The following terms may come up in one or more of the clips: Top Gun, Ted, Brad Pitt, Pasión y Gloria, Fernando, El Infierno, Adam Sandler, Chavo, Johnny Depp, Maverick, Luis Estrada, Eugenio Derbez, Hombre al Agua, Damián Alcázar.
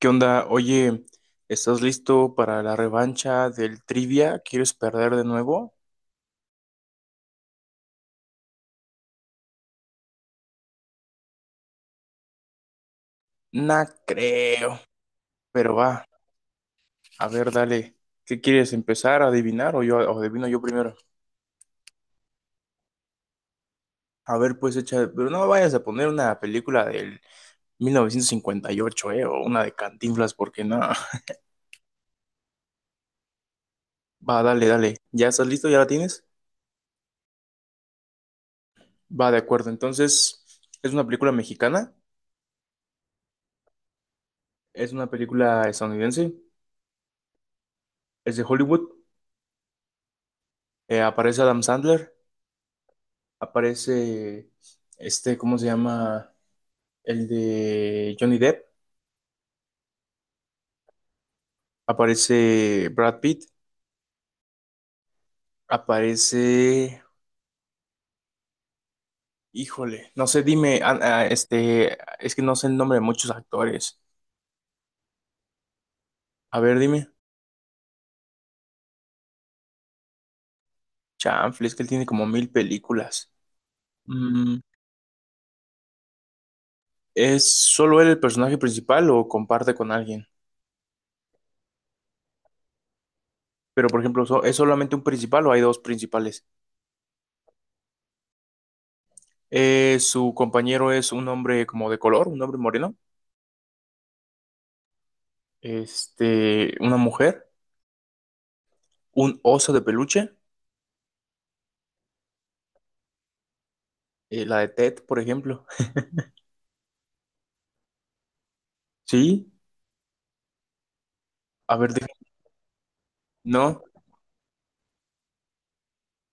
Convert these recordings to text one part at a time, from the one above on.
¿Qué onda? Oye, ¿estás listo para la revancha del trivia? ¿Quieres perder de nuevo? No creo, pero va, a ver, dale. ¿Qué quieres empezar a adivinar o adivino yo primero? A ver, pues echa, pero no vayas a poner una película del 1958, o una de Cantinflas porque no. Va, dale, dale. ¿Ya estás listo? ¿Ya la tienes? Va, de acuerdo. Entonces, ¿es una película mexicana? ¿Es una película estadounidense? ¿Es de Hollywood? ¿Aparece Adam Sandler? Aparece este, ¿cómo se llama? El de Johnny Depp, aparece Brad Pitt, aparece, híjole, no sé, dime, este, es que no sé el nombre de muchos actores. A ver, dime, chanfle, es que él tiene como mil películas. Mm, ¿Es solo él el personaje principal o comparte con alguien? Pero, por ejemplo, ¿es solamente un principal o hay dos principales? Su compañero es un hombre como de color, un hombre moreno, este, una mujer. Un oso de peluche, la de Ted, por ejemplo. Sí, a ver, dime. No,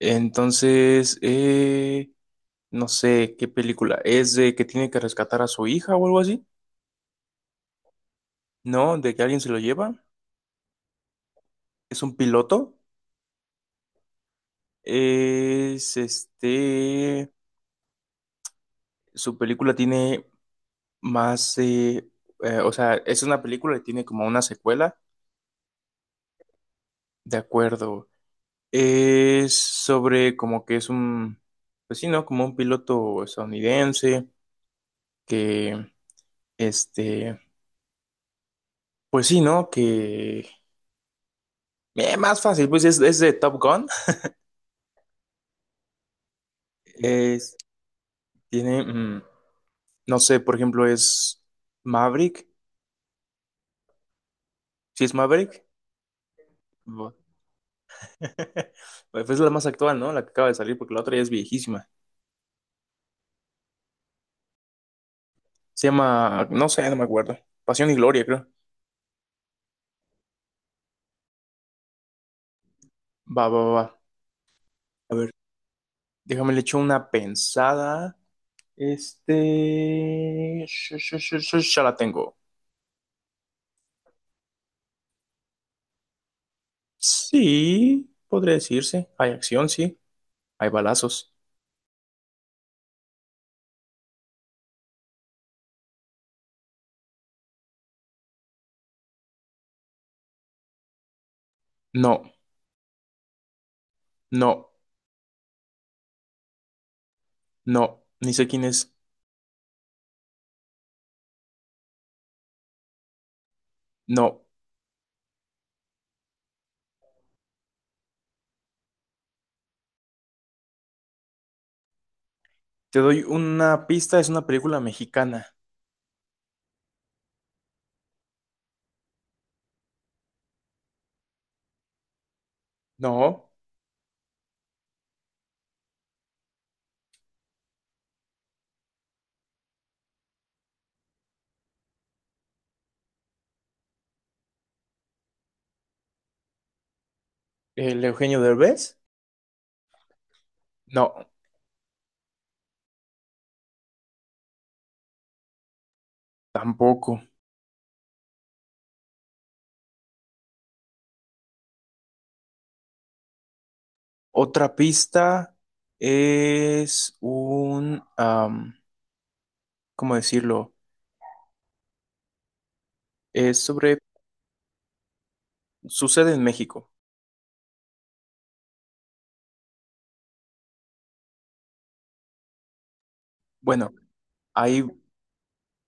entonces, no sé qué película. ¿Es de que tiene que rescatar a su hija o algo así? No, de que alguien se lo lleva. ¿Es un piloto? Es este. Su película tiene más. O sea, es una película y tiene como una secuela. De acuerdo. Es sobre como que es un. Pues sí, ¿no? Como un piloto estadounidense que, este, pues sí, ¿no? Que más fácil, pues es de Top Gun. Es- Tiene, no sé, por ejemplo, es Maverick. ¿Sí es Maverick? Bu- Pues es la más actual, ¿no? La que acaba de salir, porque la otra ya es viejísima. Se llama, no sé, no me acuerdo. Pasión y Gloria, creo. Va, va, va. A ver, déjame le echo una pensada. Ya la tengo. Sí, podría decirse. Hay acción, sí. Hay balazos. No, no, no. Ni sé quién es. No. Te doy una pista, es una película mexicana. No. ¿El Eugenio Derbez? No, tampoco. Otra pista es un... ¿cómo decirlo? Es sobre... Sucede en México. Bueno, hay,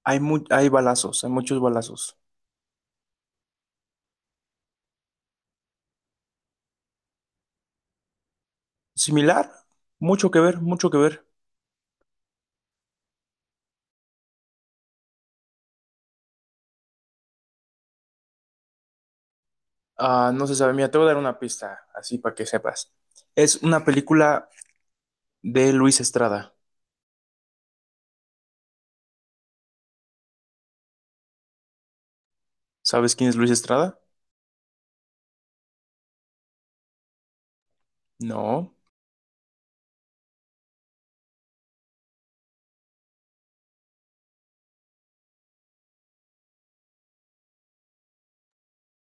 hay balazos, hay muchos balazos. Similar, mucho que ver, mucho que ver. Ah, no se sabe. Mira, te voy a dar una pista, así para que sepas. Es una película de Luis Estrada. ¿Sabes quién es Luis Estrada? No.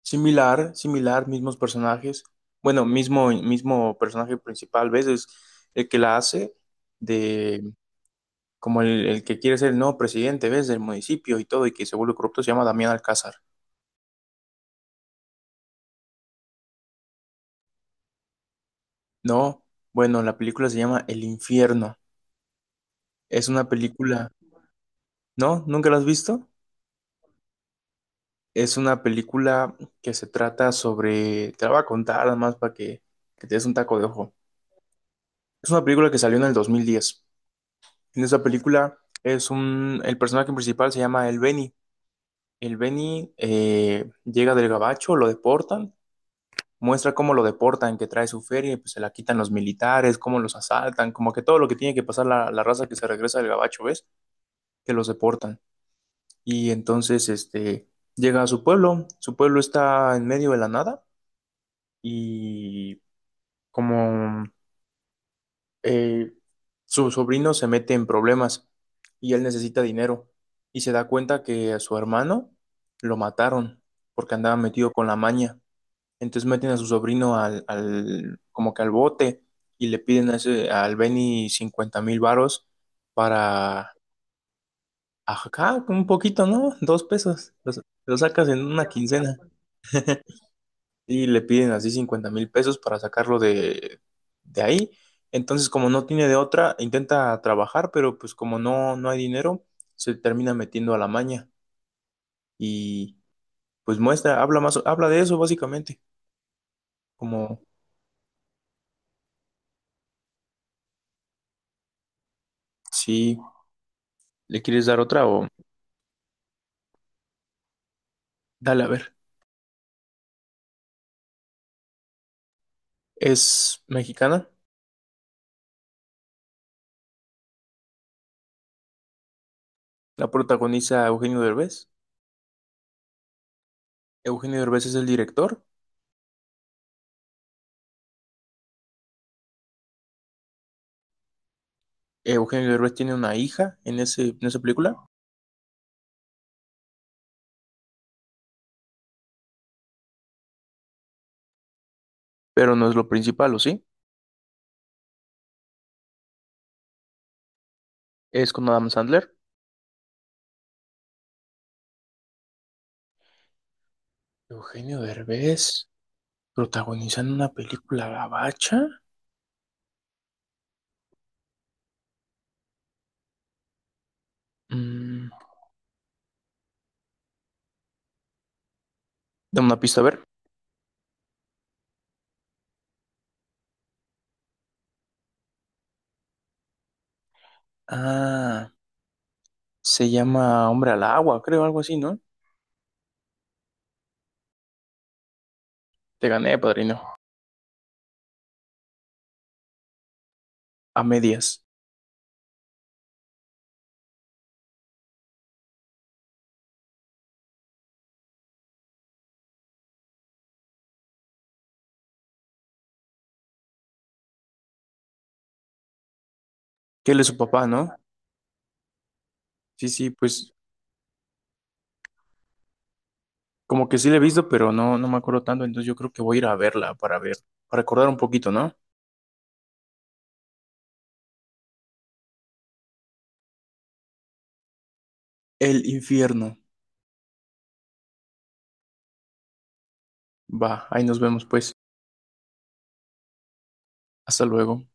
Similar, similar, mismos personajes. Bueno, mismo, mismo personaje principal, ¿ves? Es el que la hace de como el que quiere ser el nuevo presidente, ¿ves? Del municipio y todo, y que se vuelve corrupto, se llama Damián Alcázar. No, bueno, la película se llama El Infierno. Es una película, ¿no? ¿Nunca la has visto? Es una película que se trata sobre, te la voy a contar nada más para que te des un taco de ojo. Es una película que salió en el 2010. En esa película es un, el personaje principal se llama El Beni. El Beni llega del Gabacho, lo deportan, muestra cómo lo deportan, que trae su feria y pues se la quitan los militares, cómo los asaltan, como que todo lo que tiene que pasar la, la raza que se regresa del Gabacho, ¿ves? Que los deportan. Y entonces este, llega a su pueblo está en medio de la nada y como eh, su sobrino se mete en problemas y él necesita dinero y se da cuenta que a su hermano lo mataron porque andaba metido con la maña. Entonces meten a su sobrino como que al bote y le piden al Benny 50,000 varos para acá un poquito, ¿no? Dos pesos. Los- Lo, sacas en una quincena y le piden así 50,000 pesos para sacarlo de ahí. Entonces, como no tiene de otra, intenta trabajar, pero pues como no, no hay dinero, se termina metiendo a la maña y pues muestra, habla más, habla de eso básicamente, como si le quieres dar otra o dale a ver. Es mexicana, la protagoniza Eugenio Derbez. Eugenio Derbez es el director. Eugenio Derbez tiene una hija en ese, en esa película, pero no es lo principal, ¿o sí? Es con Adam Sandler. Eugenio Derbez. ¿Protagonizando una película gabacha? Mm, dame una pista, a ver. Ah, se llama Hombre al Agua, creo, algo así, ¿no? Te gané, padrino. A medias. Que él es su papá, ¿no? Sí, sí, pues como que sí la he visto, pero no, no me acuerdo tanto, entonces yo creo que voy a ir a verla para ver, para recordar un poquito, ¿no? El infierno. Va, ahí nos vemos pues. Hasta luego.